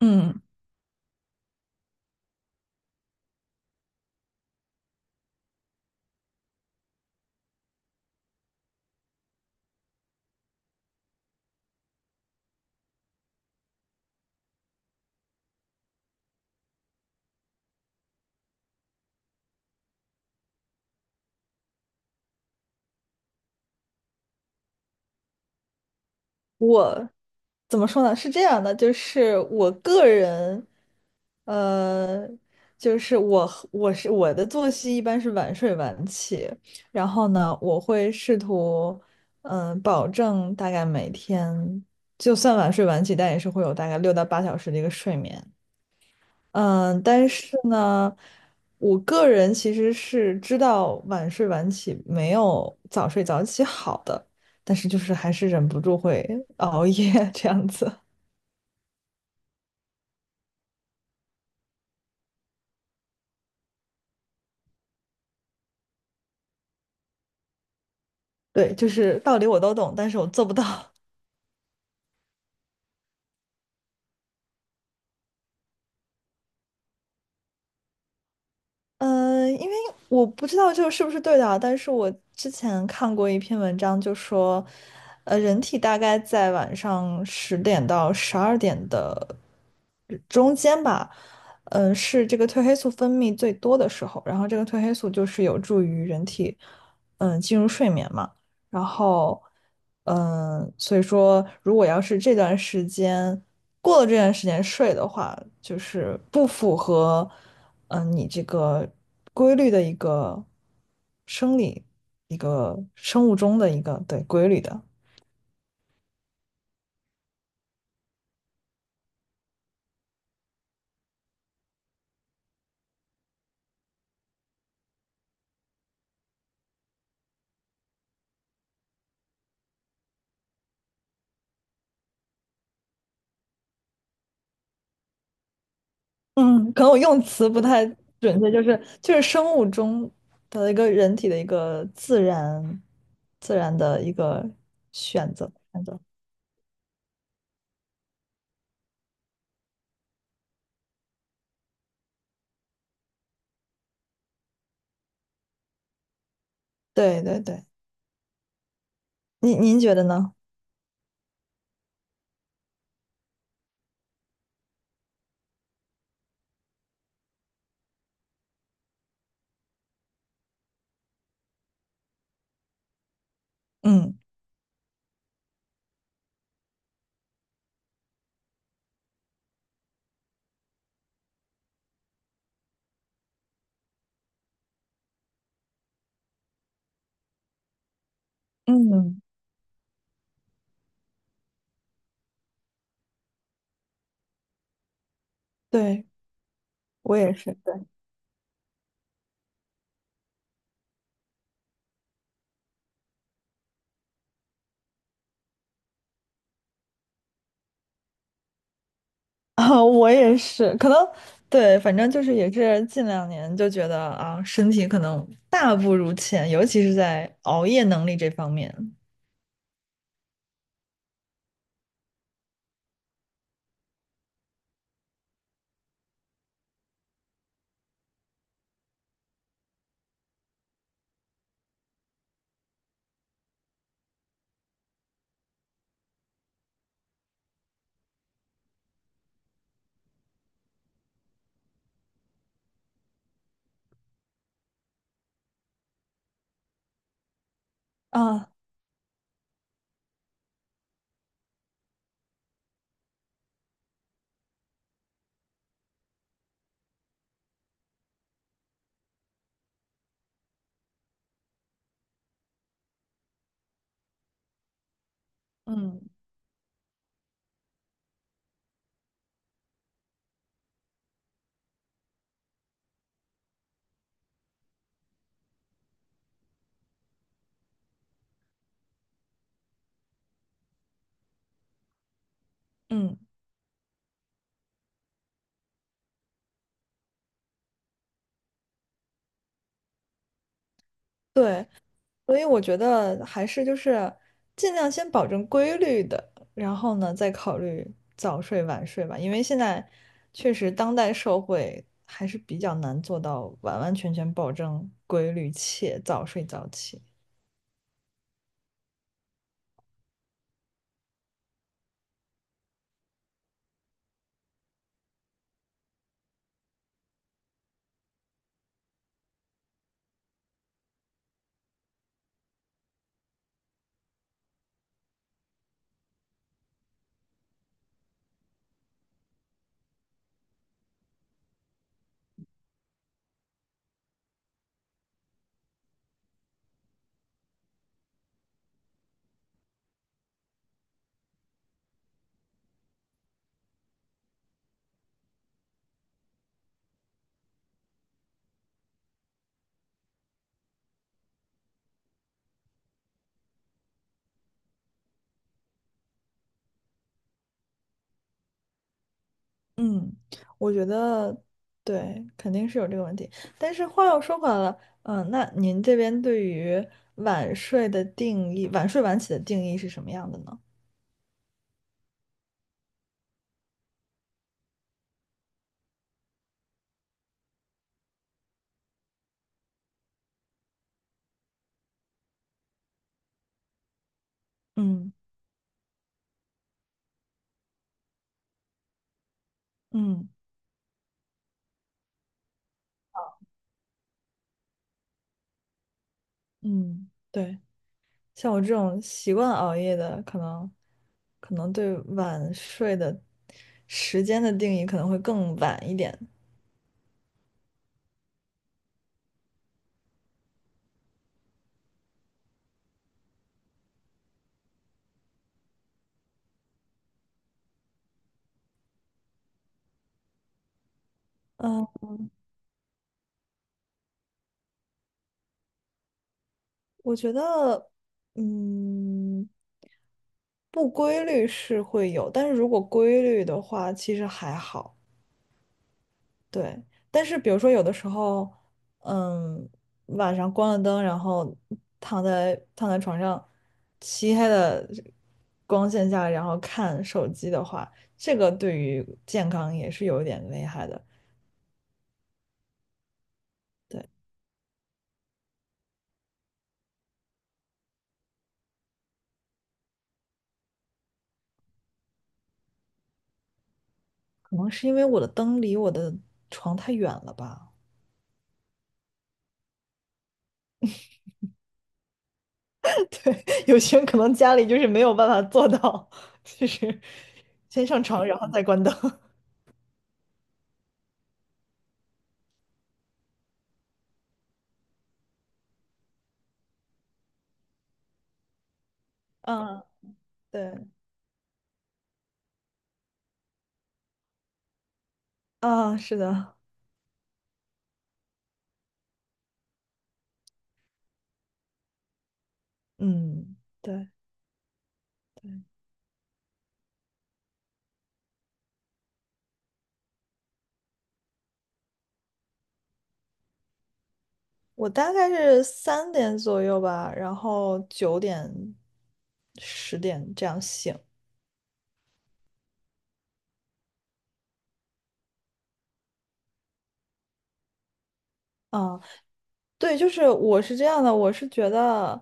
嗯我怎么说呢？是这样的，就是我个人，呃，就是我和我是我的作息一般是晚睡晚起。然后呢，我会试图，保证大概每天，就算晚睡晚起，但也是会有大概6到8小时的一个睡眠。嗯，但是呢，我个人其实是知道晚睡晚起没有早睡早起好的，但是就是还是忍不住会熬夜 这样子。对，就是道理我都懂，但是我做不到。嗯，因为我不知道这个是不是对的啊，但是我之前看过一篇文章，就说，人体大概在晚上10点到12点的中间吧，是这个褪黑素分泌最多的时候。然后这个褪黑素就是有助于人体，进入睡眠嘛。然后，所以说，如果要是这段时间过了这段时间睡的话，就是不符合，你这个规律的一个生理、一个生物钟的一个对规律的。嗯，可能我用词不太准确，就是生物钟的一个人体的一个自然的一个选择。对对对，您觉得呢？嗯嗯。对，我也是，对，啊，我也是，可能对，反正就是也是近2年就觉得啊，身体可能大不如前，尤其是在熬夜能力这方面啊。嗯嗯，对，所以我觉得还是就是尽量先保证规律的，然后呢再考虑早睡晚睡吧。因为现在确实当代社会还是比较难做到完完全全保证规律且早睡早起。嗯，我觉得对，肯定是有这个问题。但是话又说回来了，那您这边对于晚睡的定义，晚睡晚起的定义是什么样的呢？嗯嗯嗯，对，像我这种习惯熬夜的，可能对晚睡的时间的定义可能会更晚一点。嗯，我觉得，嗯，不规律是会有，但是如果规律的话，其实还好。对，但是比如说有的时候，嗯，晚上关了灯，然后躺在床上，漆黑的光线下，然后看手机的话，这个对于健康也是有一点危害的。对，可能是因为我的灯离我的床太远了吧。有些人可能家里就是没有办法做到，就是先上床，然后再关灯。嗯，对，啊，是的，嗯，对。对。我大概是3点左右吧，然后9点、10点这样醒。啊，对，就是我是这样的，我是觉得，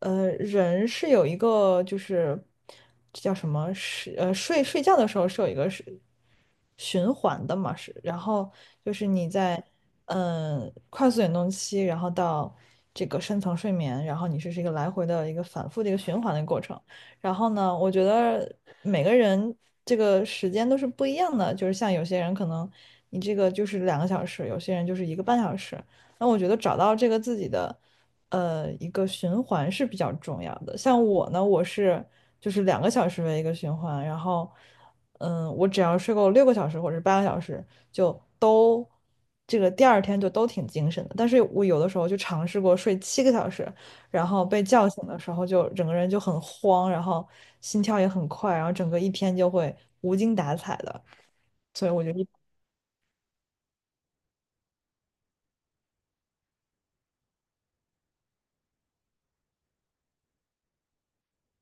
人是有一个，就是，这叫什么，是睡觉的时候是有一个是循环的嘛。是然后就是你在快速眼动期，然后到这个深层睡眠，然后你这是一个来回的一个反复的一个循环的过程。然后呢，我觉得每个人这个时间都是不一样的，就是像有些人可能你这个就是两个小时，有些人就是1个半小时。那我觉得找到这个自己的一个循环是比较重要的。像我呢，我是就是两个小时为一个循环，然后我只要睡够6个小时或者是8个小时，就都这个第二天就都挺精神的。但是我有的时候就尝试过睡7个小时，然后被叫醒的时候就整个人就很慌，然后心跳也很快，然后整个一天就会无精打采的。所以我就一。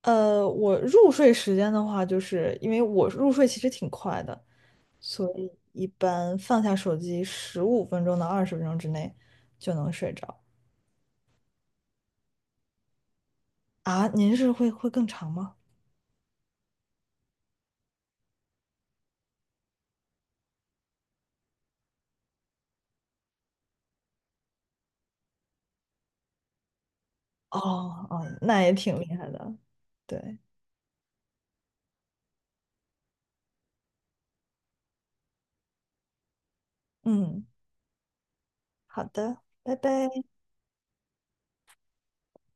我入睡时间的话，就是因为我入睡其实挺快的，所以一般放下手机15分钟到20分钟之内就能睡着啊。您是会更长吗？哦哦，那也挺厉害的。对，嗯，好的，拜拜。